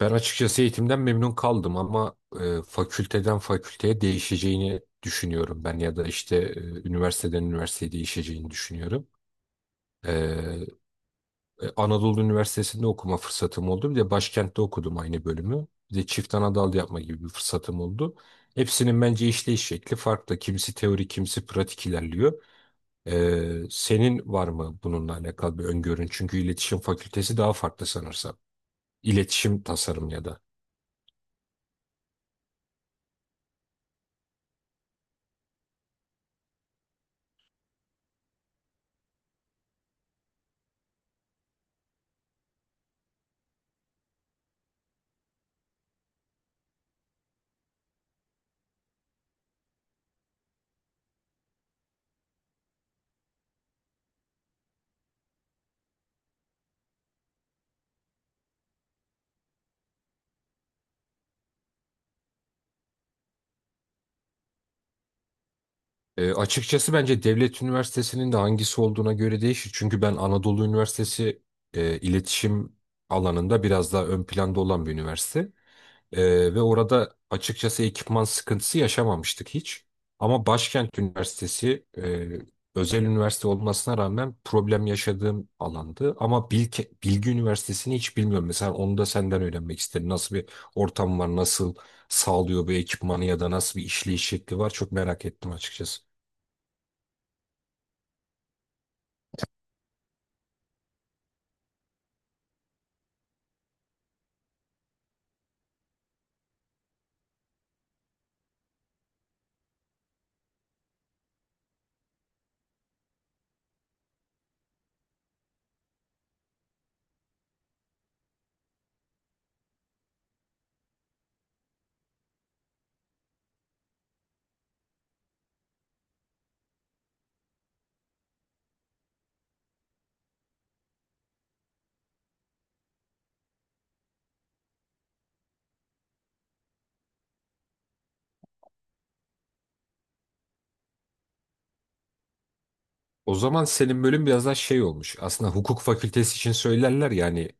Ben açıkçası eğitimden memnun kaldım ama fakülteden fakülteye değişeceğini düşünüyorum ben ya da işte üniversiteden üniversiteye değişeceğini düşünüyorum. E, Anadolu Üniversitesi'nde okuma fırsatım oldu. Bir de başkentte okudum aynı bölümü. Bir de çift ana yapma gibi bir fırsatım oldu. Hepsinin bence işleyiş şekli farklı. Kimisi teori, kimisi pratik ilerliyor. Senin var mı bununla alakalı bir öngörün? Çünkü iletişim fakültesi daha farklı sanırsam. İletişim tasarım ya da. Açıkçası bence devlet üniversitesinin de hangisi olduğuna göre değişir. Çünkü ben Anadolu Üniversitesi iletişim alanında biraz daha ön planda olan bir üniversite. Ve orada açıkçası ekipman sıkıntısı yaşamamıştık hiç. Ama Başkent Üniversitesi özel üniversite olmasına rağmen problem yaşadığım alandı. Ama Bilgi Üniversitesi'ni hiç bilmiyorum. Mesela onu da senden öğrenmek isterim. Nasıl bir ortam var, nasıl sağlıyor bu ekipmanı ya da nasıl bir işleyiş şekli var, çok merak ettim açıkçası. O zaman senin bölüm biraz daha şey olmuş. Aslında hukuk fakültesi için söylerler yani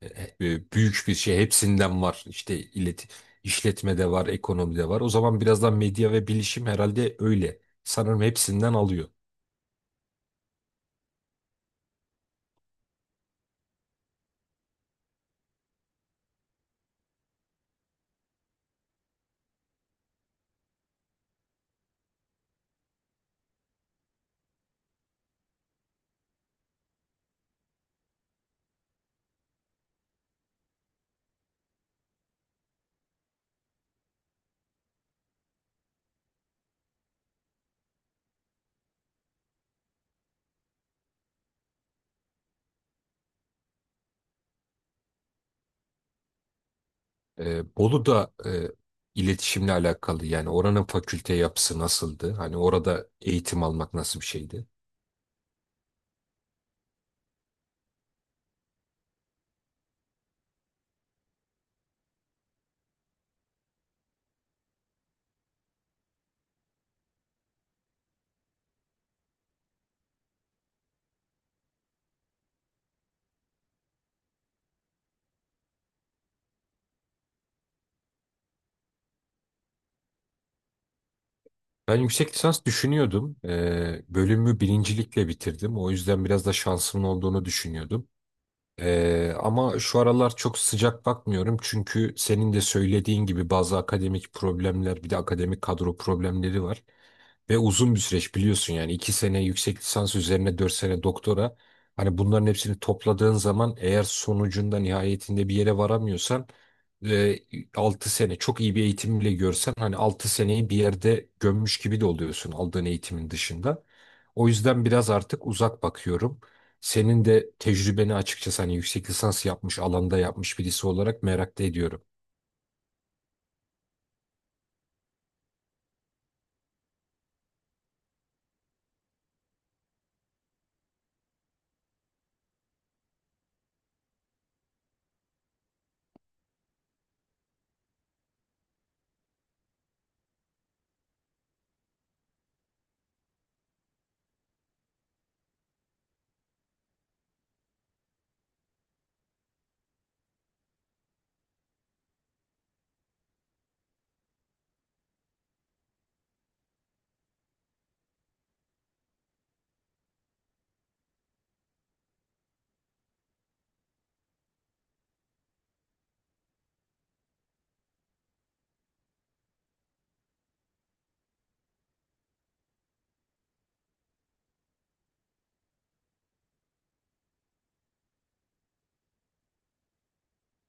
büyük bir şey hepsinden var. İşte işletmede var, ekonomide var. O zaman biraz daha medya ve bilişim herhalde öyle. Sanırım hepsinden alıyor. Bolu da iletişimle alakalı, yani oranın fakülte yapısı nasıldı? Hani orada eğitim almak nasıl bir şeydi? Ben yüksek lisans düşünüyordum. Bölümü birincilikle bitirdim. O yüzden biraz da şansımın olduğunu düşünüyordum. Ama şu aralar çok sıcak bakmıyorum, çünkü senin de söylediğin gibi bazı akademik problemler, bir de akademik kadro problemleri var. Ve uzun bir süreç biliyorsun, yani 2 sene yüksek lisans üzerine 4 sene doktora. Hani bunların hepsini topladığın zaman, eğer sonucunda nihayetinde bir yere varamıyorsan e, 6 sene çok iyi bir eğitim bile görsen, hani 6 seneyi bir yerde gömmüş gibi de oluyorsun aldığın eğitimin dışında. O yüzden biraz artık uzak bakıyorum. Senin de tecrübeni açıkçası, hani yüksek lisans yapmış, alanda yapmış birisi olarak merak da ediyorum.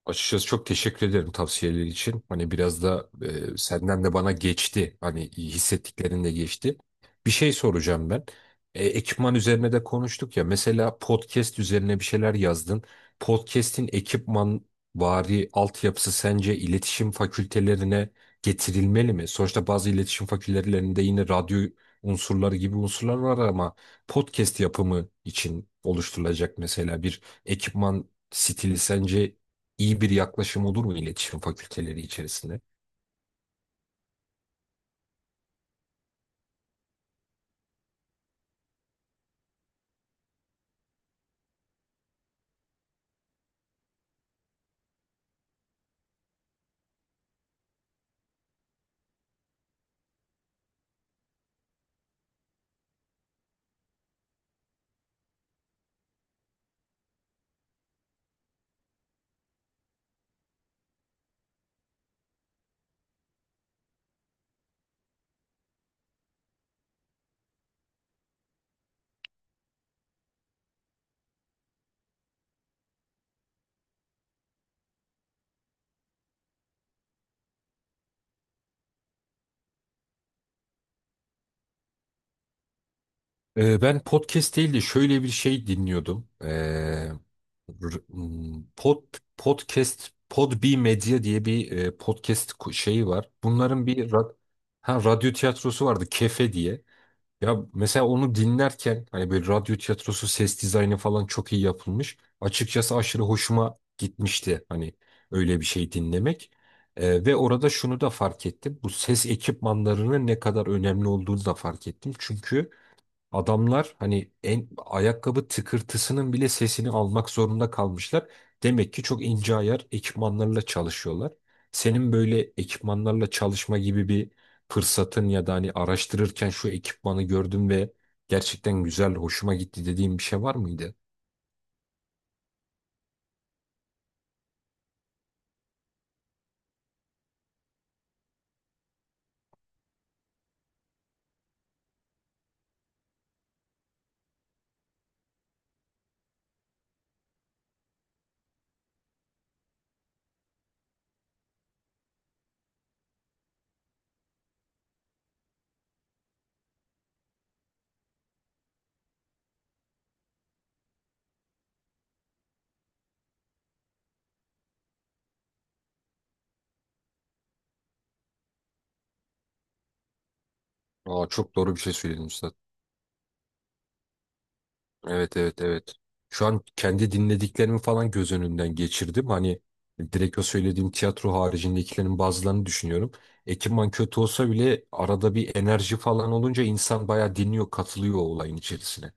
Açıkçası çok teşekkür ederim tavsiyeler için. Hani biraz da senden de bana geçti. Hani hissettiklerin de geçti. Bir şey soracağım ben. Ekipman üzerine de konuştuk ya. Mesela podcast üzerine bir şeyler yazdın. Podcast'in ekipman vari altyapısı sence iletişim fakültelerine getirilmeli mi? Sonuçta bazı iletişim fakültelerinde yine radyo unsurları gibi unsurlar var ama podcast yapımı için oluşturulacak mesela bir ekipman stili, sence iyi bir yaklaşım olur mu iletişim fakülteleri içerisinde? Ben podcast değil de şöyle bir şey dinliyordum. R- m, pod, Podcast, Podbi Medya diye bir podcast şeyi var. Bunların bir radyo tiyatrosu vardı, Kefe diye. Ya mesela onu dinlerken hani böyle radyo tiyatrosu ses dizaynı falan çok iyi yapılmış. Açıkçası aşırı hoşuma gitmişti hani öyle bir şey dinlemek. Ve orada şunu da fark ettim. Bu ses ekipmanlarının ne kadar önemli olduğunu da fark ettim. Çünkü adamlar hani en ayakkabı tıkırtısının bile sesini almak zorunda kalmışlar. Demek ki çok ince ayar ekipmanlarla çalışıyorlar. Senin böyle ekipmanlarla çalışma gibi bir fırsatın ya da hani araştırırken şu ekipmanı gördüm ve gerçekten güzel, hoşuma gitti dediğin bir şey var mıydı? Aa, çok doğru bir şey söyledin usta. Evet, evet, evet. Şu an kendi dinlediklerimi falan göz önünden geçirdim. Hani direkt o söylediğim tiyatro haricindekilerin bazılarını düşünüyorum. Ekipman kötü olsa bile arada bir enerji falan olunca insan bayağı dinliyor, katılıyor o olayın içerisine.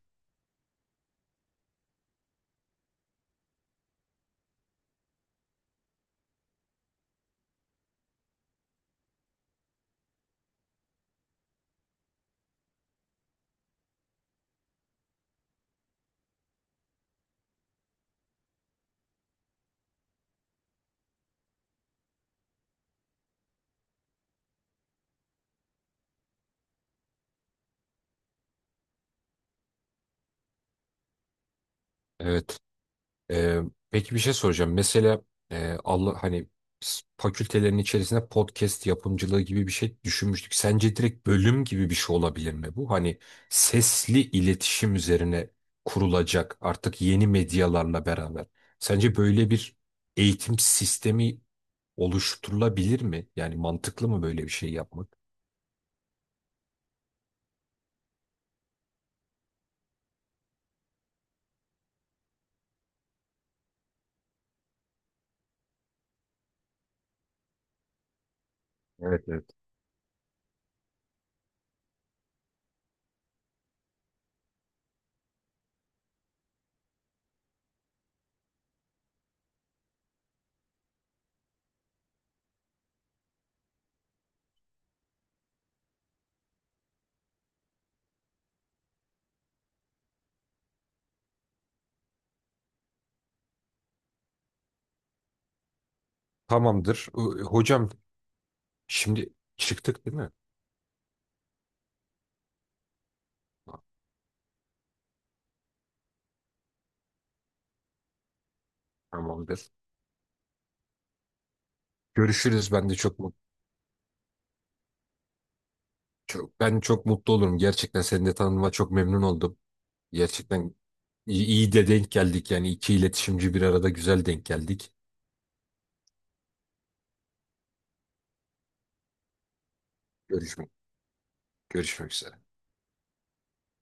Evet. Ee, peki bir şey soracağım. Mesela Allah hani fakültelerin içerisinde podcast yapımcılığı gibi bir şey düşünmüştük. Sence direkt bölüm gibi bir şey olabilir mi bu? Hani sesli iletişim üzerine kurulacak artık yeni medyalarla beraber. Sence böyle bir eğitim sistemi oluşturulabilir mi? Yani mantıklı mı böyle bir şey yapmak? Evet, evet. Tamamdır. Hocam, şimdi çıktık değil mi? Tamamdır. Görüşürüz. Ben de çok çok, ben çok mutlu olurum. Gerçekten seni de tanıma çok memnun oldum. Gerçekten iyi, iyi de denk geldik. Yani iki iletişimci bir arada güzel denk geldik. Görüşmek, görüşmek üzere.